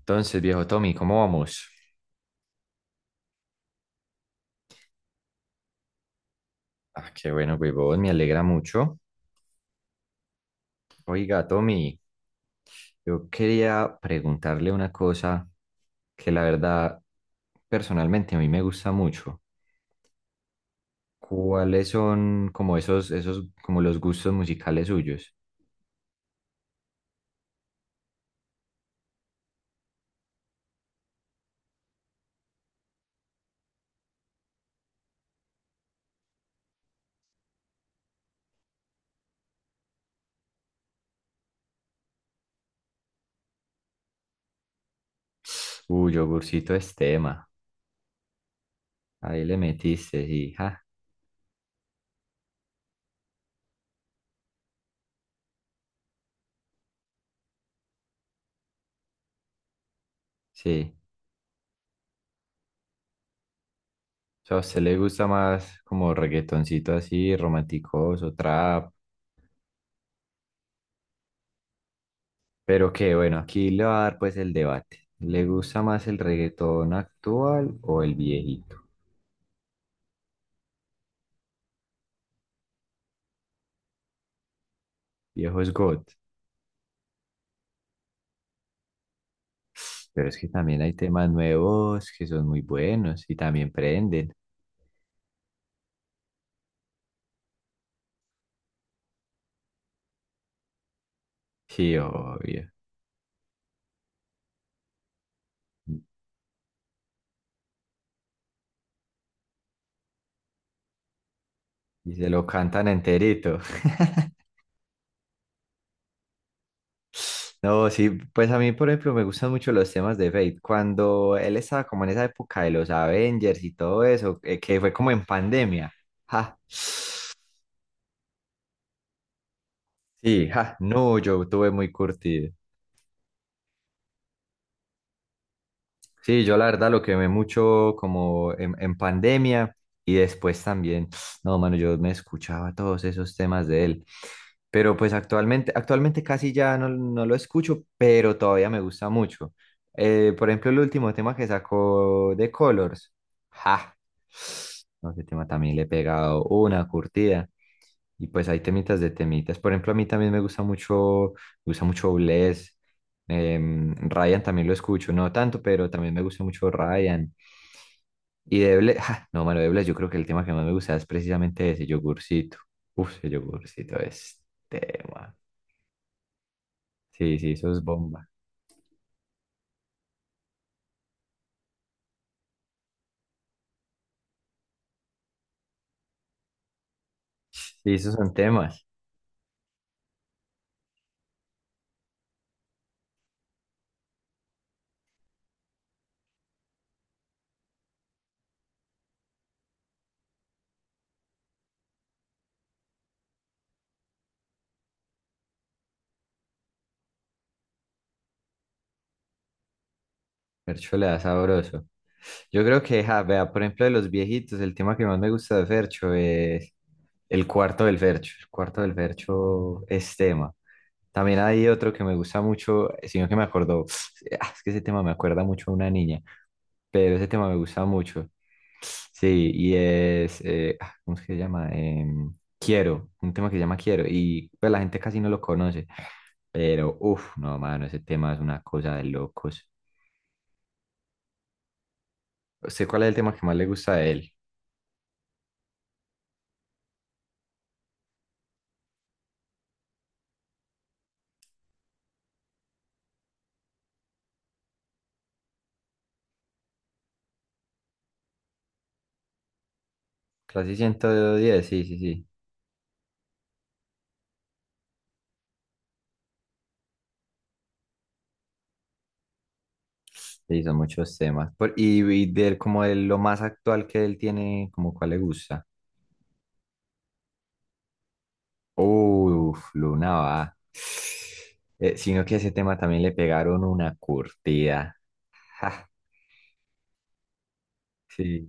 Entonces, viejo Tommy, ¿cómo vamos? Ah, qué bueno, huevón, me alegra mucho. Oiga, Tommy, yo quería preguntarle una cosa que la verdad, personalmente a mí me gusta mucho. ¿Cuáles son como esos, como los gustos musicales suyos? Uy, yogurcito Estema, ahí le metiste, sí, ja, sí. O sea, ¿a usted le gusta más como reggaetoncito así, romanticoso, trap? Pero que bueno, aquí le va a dar pues el debate. ¿Le gusta más el reggaetón actual o el viejito? Viejo es God. Pero es que también hay temas nuevos que son muy buenos y también prenden. Sí, obvio. Y se lo cantan enterito. No, sí, pues a mí, por ejemplo, me gustan mucho los temas de Fate. Cuando él estaba como en esa época de los Avengers y todo eso, que fue como en pandemia. Ja. Sí, ja. No, yo tuve muy curtido. Sí, yo la verdad lo quemé mucho como en pandemia y después también, no, mano, yo me escuchaba todos esos temas de él, pero pues actualmente casi ya no lo escucho, pero todavía me gusta mucho. Por ejemplo, el último tema que sacó de Colors, ja, no, ese tema también le he pegado una curtida. Y pues hay temitas de temitas. Por ejemplo, a mí también me gusta mucho Bless. Ryan también lo escucho, no tanto, pero también me gusta mucho Ryan. Y de Bless, ja, no, mano, de Bless, yo creo que el tema que más me gusta es precisamente ese yogurcito. Uf, ese yogurcito es tema. Sí, sí, eso es bomba. Sí, esos son temas. Fercho le da sabroso. Yo creo que, ja, vea, por ejemplo, de los viejitos, el tema que más me gusta de Fercho es el cuarto del Fercho. El cuarto del Fercho es tema. También hay otro que me gusta mucho, sino que me acordó, ah, es que ese tema me acuerda mucho a una niña, pero ese tema me gusta mucho. Sí, y es, ¿cómo es que se llama? Quiero, un tema que se llama Quiero, y pues la gente casi no lo conoce, pero uff, no, mano, ese tema es una cosa de locos. ¿Usted cuál es el tema que más le gusta de él? Clase 110, sí, sí, sí. Sí, son muchos temas. Por- y de él, como de lo más actual que él tiene, como cuál le gusta. Uf, Luna va. Sino que a ese tema también le pegaron una curtida. Ja, sí,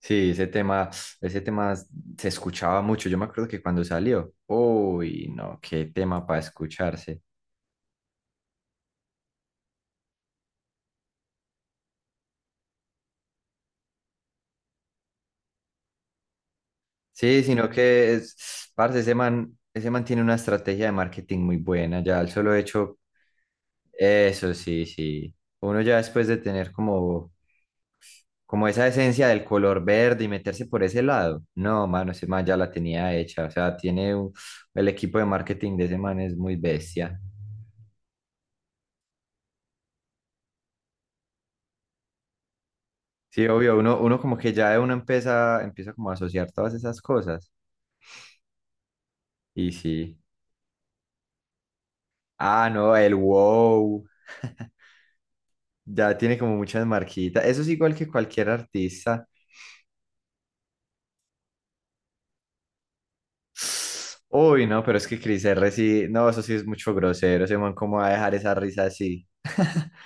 sí, ese tema se escuchaba mucho. Yo me acuerdo que cuando salió, uy, no, qué tema para escucharse. Sí, sino que es, parce, ese man tiene una estrategia de marketing muy buena, ya el solo hecho, eso sí, sí. Uno ya después de tener como, como esa esencia del color verde y meterse por ese lado, no, mano, ese man ya la tenía hecha, o sea, el equipo de marketing de ese man es muy bestia. Sí, obvio, uno como que ya uno empieza como a asociar todas esas cosas. Y sí. Ah, no, el wow. Ya tiene como muchas marquitas. Eso es igual que cualquier artista. Uy, no, pero es que Cris R sí. No, eso sí es mucho grosero. Ese man, ¿cómo va a dejar esa risa así?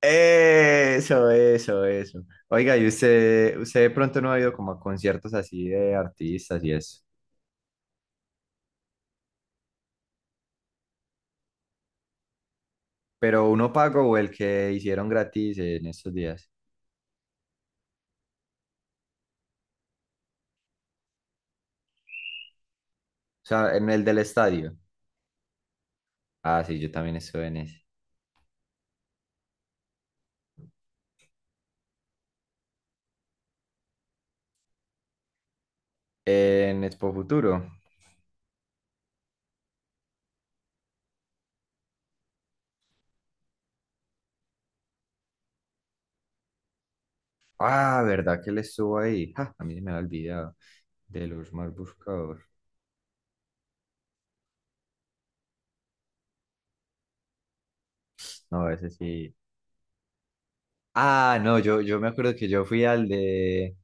Eso, eso, eso. Oiga, y usted, de pronto no ha ido como a conciertos así de artistas y eso. Pero ¿uno pago o el que hicieron gratis en estos días? O sea, ¿en el del estadio? Ah, sí, yo también estuve en ese. ¿En Expo Futuro? Ah, ¿verdad que le estuvo ahí? Ja, a mí se me había olvidado de los más buscados. No, ese sí. Ah, no, yo me acuerdo que yo fui al de...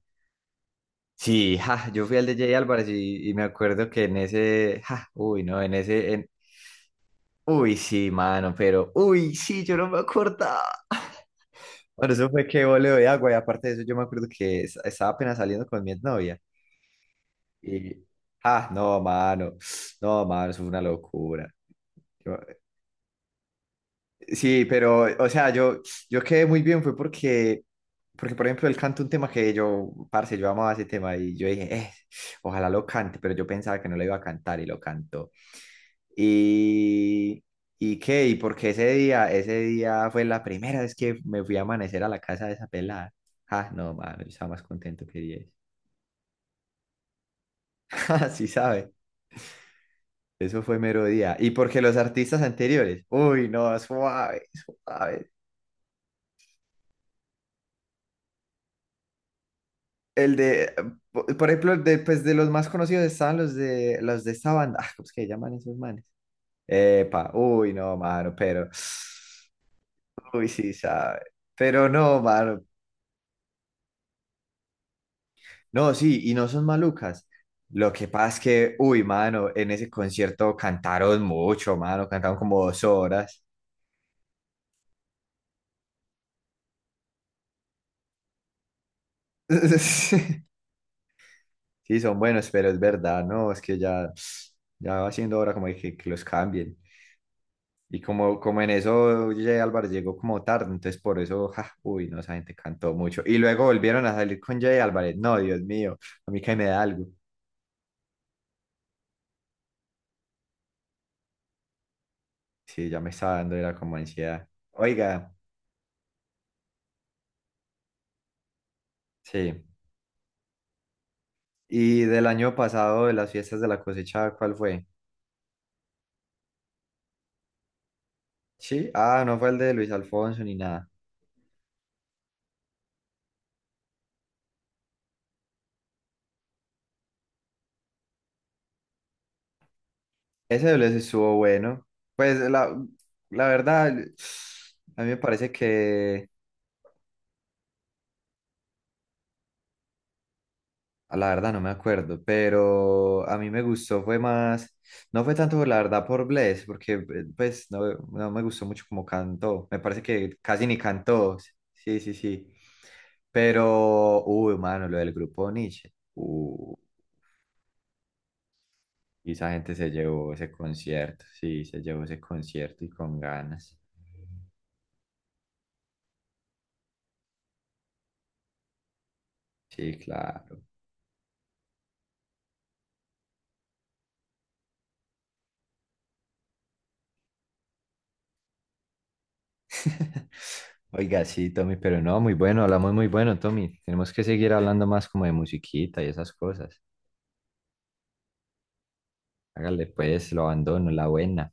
Sí, ja, yo fui al de Jay Álvarez y me acuerdo que en ese... Ja, uy, no, en ese... en- Uy, sí, mano, pero... Uy, sí, yo no me acordaba. Bueno, eso fue que voleo de agua y aparte de eso yo me acuerdo que estaba apenas saliendo con mi novia y... Ah, no, mano. No, mano, eso fue una locura. Sí, pero, o sea, yo quedé muy bien, fue porque, por ejemplo, él canta un tema que yo, parce, yo amaba ese tema y yo dije, ojalá lo cante", pero yo pensaba que no lo iba a cantar y lo cantó. Y, y qué, y porque ese día fue la primera vez que me fui a amanecer a la casa de esa pelada. Ah, no, mano, yo estaba más contento que 10. Sí, sabe, eso fue mero día. Y porque los artistas anteriores, uy, no, suave, suave. El de, po- por ejemplo, el de, pues, de los más conocidos estaban los de esta banda. Ah, ¿cómo es que llaman esos manes? Epa, uy, no, mano, pero. Uy, sí, sabe. Pero no, mano. No, sí, y no son malucas. Lo que pasa es que, uy, mano, en ese concierto cantaron mucho, mano, cantaron como 2 horas. Sí, son buenos, pero es verdad, no, es que ya, ya va siendo hora como de que los cambien. Y como, como en eso Jay Álvarez llegó como tarde, entonces por eso, ja, uy, no, esa gente cantó mucho. Y luego volvieron a salir con Jay Álvarez. No, Dios mío, a mí que me da algo. Sí, ya me estaba dando, era como ansiedad. Oiga, sí. Y del año pasado, de las fiestas de la cosecha, ¿cuál fue? Sí, ah, ¿no fue el de Luis Alfonso ni nada? Ese de Luis estuvo bueno. Pues la verdad, a mí me parece que... Ah, la verdad no me acuerdo, pero a mí me gustó, fue más, no fue tanto por la verdad por Bless, porque pues no, no me gustó mucho como cantó, me parece que casi ni cantó, sí, sí, sí, sí. Pero, uy, mano, lo del grupo Nietzsche, y esa gente se llevó ese concierto, sí, se llevó ese concierto y con ganas, sí, claro. Oiga, sí, Tommy, pero no, muy bueno, hablamos muy bueno, Tommy, tenemos que seguir hablando más como de musiquita y esas cosas. Hágale pues, lo abandono, la buena.